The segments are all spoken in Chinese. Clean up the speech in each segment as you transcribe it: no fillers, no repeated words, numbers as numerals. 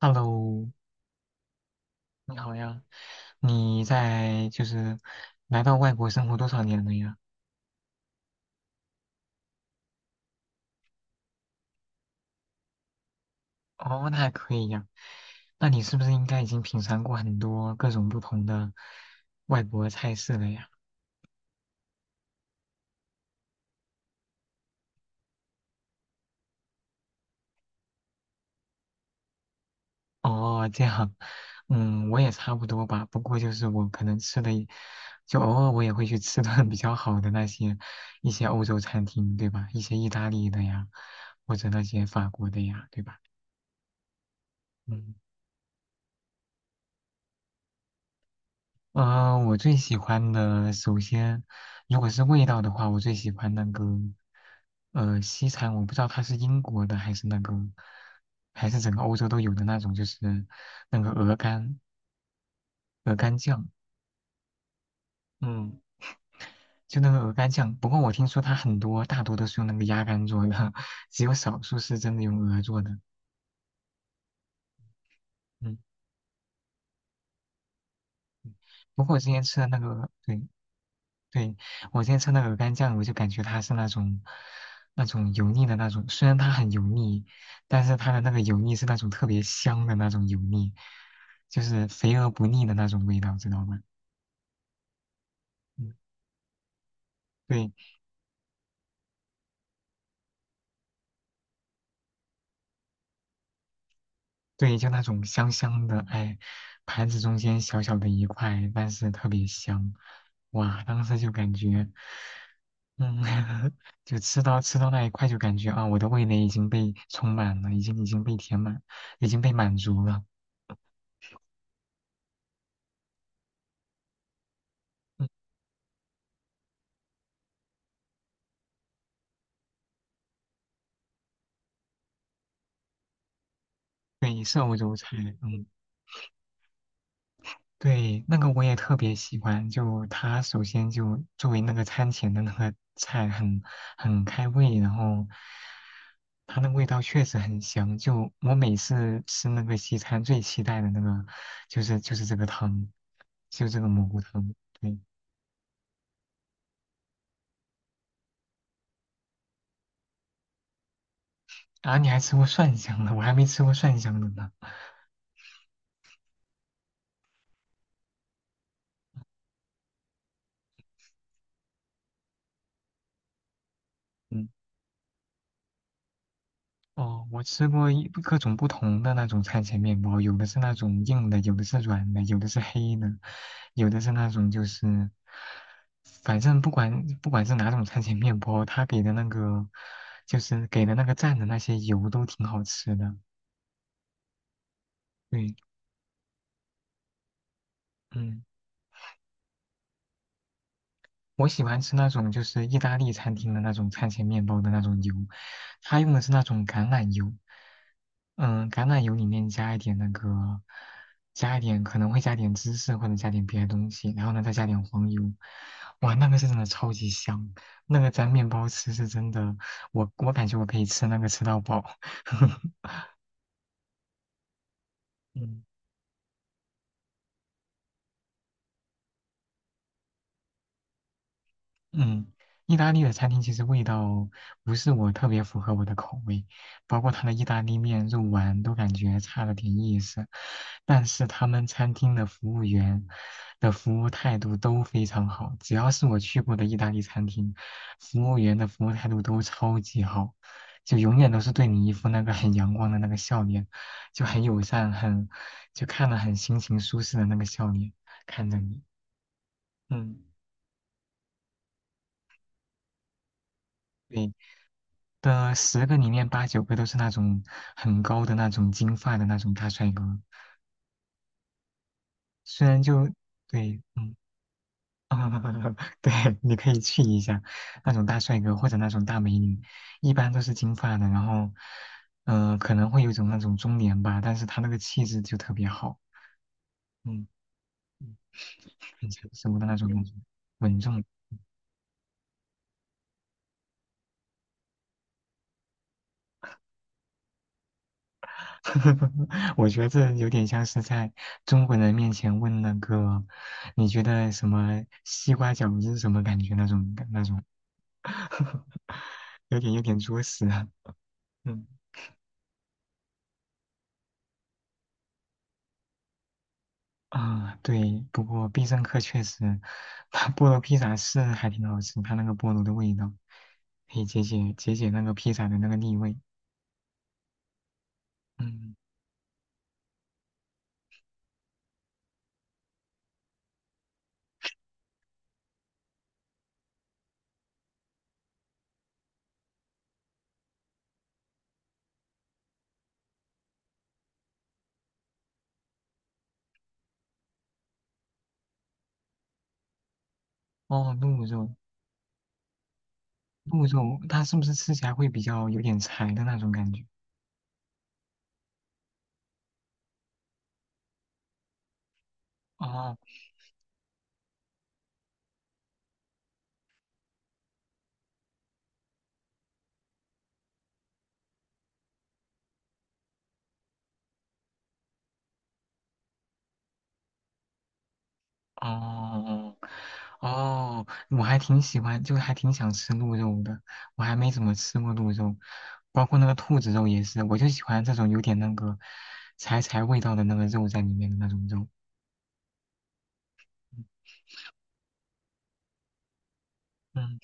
Hello，你好呀，你在来到外国生活多少年了呀？哦，那还可以呀。那你是不是应该已经品尝过很多各种不同的外国菜式了呀？哦，这样，嗯，我也差不多吧。不过就是我可能吃的也，就偶尔我也会去吃顿比较好的那些一些欧洲餐厅，对吧？一些意大利的呀，或者那些法国的呀，对吧？嗯。嗯，我最喜欢的，首先，如果是味道的话，我最喜欢那个，西餐，我不知道它是英国的还是那个，还是整个欧洲都有的那种，就是那个鹅肝，鹅肝酱，嗯，就那个鹅肝酱。不过我听说它很多，大多都是用那个鸭肝做的，只有少数是真的用鹅做的，嗯。不过我之前吃的那个，对，对，我今天吃那个鹅肝酱，我就感觉它是那种那种油腻的那种，虽然它很油腻，但是它的那个油腻是那种特别香的那种油腻，就是肥而不腻的那种味道，知道吗？嗯，对对，就那种香香的，哎，盘子中间小小的一块，但是特别香，哇，当时就感觉，嗯，就吃到那一块就感觉啊，我的味蕾已经被充满了，已经被填满，已经被满足了。嗯对，欧洲菜，嗯，对，那个我也特别喜欢。就它首先就作为那个餐前的那个菜很，很开胃，然后它那味道确实很香。就我每次吃那个西餐，最期待的那个就是这个汤，就这个蘑菇汤。对，啊，你还吃过蒜香的，我还没吃过蒜香的呢。嗯哦，我吃过一各种不同的那种餐前面包，有的是那种硬的，有的是软的，有的是黑的，有的是那种就是，反正不管是哪种餐前面包，它给的那个就是给的那个蘸的那些油都挺好吃的。对，嗯，我喜欢吃那种就是意大利餐厅的那种餐前面包的那种油，它用的是那种橄榄油，嗯，橄榄油里面加一点那个，加一点可能会加点芝士或者加点别的东西，然后呢再加点黄油，哇，那个是真的超级香，那个沾面包吃是真的，我感觉我可以吃那个吃到饱。嗯嗯，意大利的餐厅其实味道不是我特别符合我的口味，包括它的意大利面、肉丸都感觉差了点意思。但是他们餐厅的服务员的服务态度都非常好，只要是我去过的意大利餐厅，服务员的服务态度都超级好，就永远都是对你一副那个很阳光的那个笑脸，就很友善，很，就看了很心情舒适的那个笑脸看着你。嗯，对，的十个里面八九个都是那种很高的那种金发的那种大帅哥，虽然就对，嗯，对，你可以去一下那种大帅哥或者那种大美女，一般都是金发的，然后，可能会有一种那种中年吧，但是他那个气质就特别好，嗯，嗯很成熟的那种感觉，稳重 我觉得这有点像是在中国人面前问那个，你觉得什么西瓜饺子是什么感觉那种那种，有点作死啊。嗯啊，对，不过必胜客确实，它菠萝披萨是还挺好吃，它那个菠萝的味道可以解那个披萨的那个腻味。嗯，哦，鹿肉，鹿肉它是不是吃起来会比较有点柴的那种感觉？哦，哦哦，我还挺喜欢，就还挺想吃鹿肉的。我还没怎么吃过鹿肉，包括那个兔子肉也是，我就喜欢这种有点那个柴柴味道的那个肉在里面的那种肉。嗯，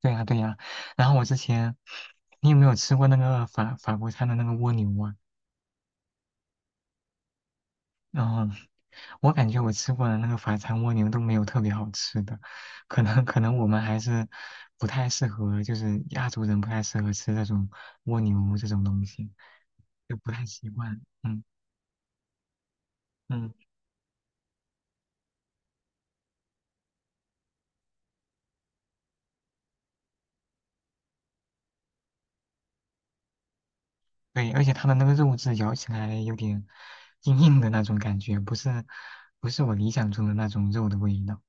对呀对呀。然后我之前，你有没有吃过那个法国餐的那个蜗牛啊？然后。我感觉我吃过的那个法餐蜗牛都没有特别好吃的，可能我们还是不太适合，就是亚洲人不太适合吃这种蜗牛这种东西，就不太习惯。嗯嗯，对，而且它的那个肉质咬起来有点硬硬的那种感觉，不是我理想中的那种肉的味道。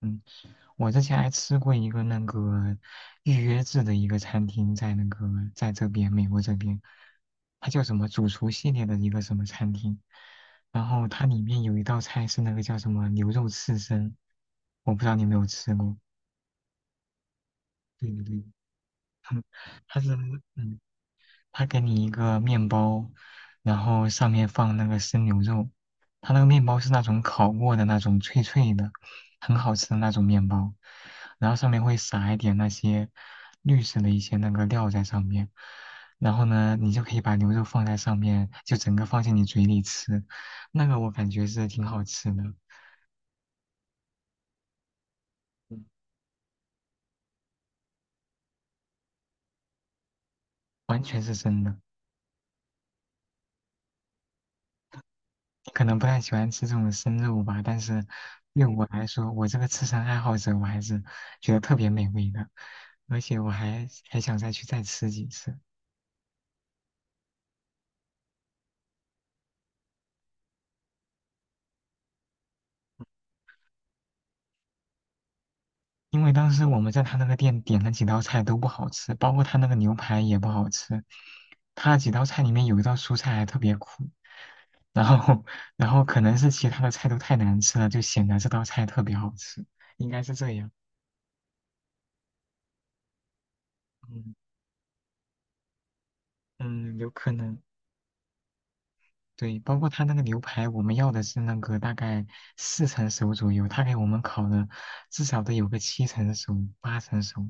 嗯。我之前还吃过一个那个预约制的一个餐厅，在那个在这边美国这边，它叫什么主厨系列的一个什么餐厅，然后它里面有一道菜是那个叫什么牛肉刺身，我不知道你有没有吃过。对，它是嗯他给你一个面包，然后上面放那个生牛肉，他那个面包是那种烤过的那种脆脆的，很好吃的那种面包，然后上面会撒一点那些绿色的一些那个料在上面，然后呢，你就可以把牛肉放在上面，就整个放进你嘴里吃，那个我感觉是挺好吃的，嗯完全是真的。可能不太喜欢吃这种生肉吧，但是对我来说，我这个吃神爱好者，我还是觉得特别美味的，而且我还想再去再吃几次，因为当时我们在他那个店点了几道菜都不好吃，包括他那个牛排也不好吃，他几道菜里面有一道蔬菜还特别苦，然后 然后可能是其他的菜都太难吃了，就显得这道菜特别好吃，应该是这样，嗯嗯，有可能。对，包括他那个牛排，我们要的是那个大概四成熟左右，他给我们烤的至少得有个七成熟、八成熟，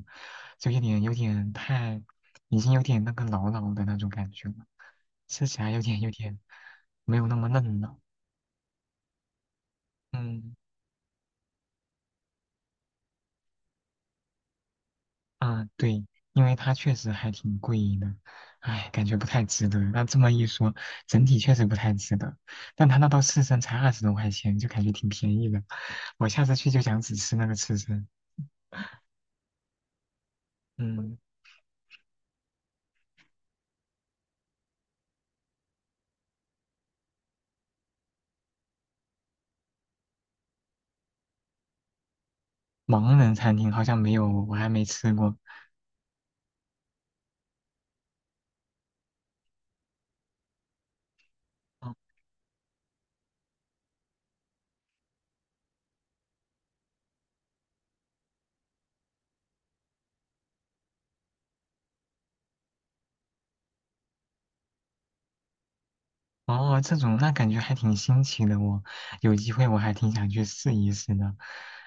就有点太，已经有点那个老老的那种感觉了，吃起来有点没有那么嫩了。嗯啊，对，因为它确实还挺贵的，哎，感觉不太值得。那这么一说，整体确实不太值得，但他那道刺身才二十多块钱，就感觉挺便宜的。我下次去就想只吃那个刺身。嗯，盲人餐厅好像没有，我还没吃过。哦，哦这种那感觉还挺新奇的哦。有机会我还挺想去试一试的。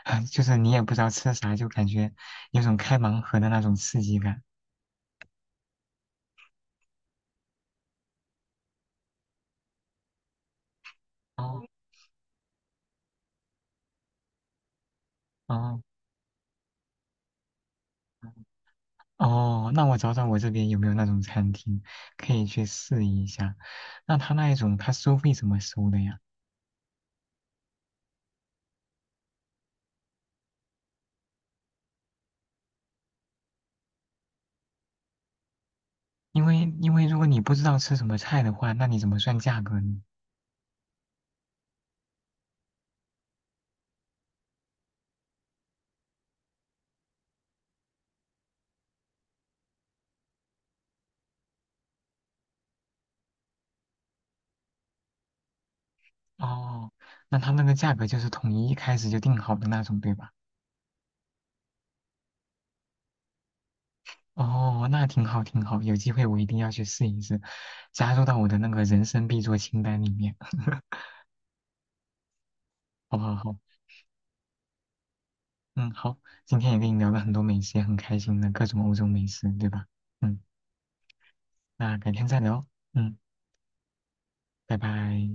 就是你也不知道吃啥，就感觉有种开盲盒的那种刺激感。哦哦哦，那我找找我这边有没有那种餐厅可以去试一下。那他那一种他收费怎么收的呀？因为如果你不知道吃什么菜的话，那你怎么算价格呢？哦，那它那个价格就是统一一开始就定好的那种，对吧？哦，那挺好，挺好，有机会我一定要去试一试，加入到我的那个人生必做清单里面。好好好，嗯，好，今天也跟你聊了很多美食，也很开心的各种欧洲美食，对吧？嗯，那改天再聊哦，嗯，拜拜。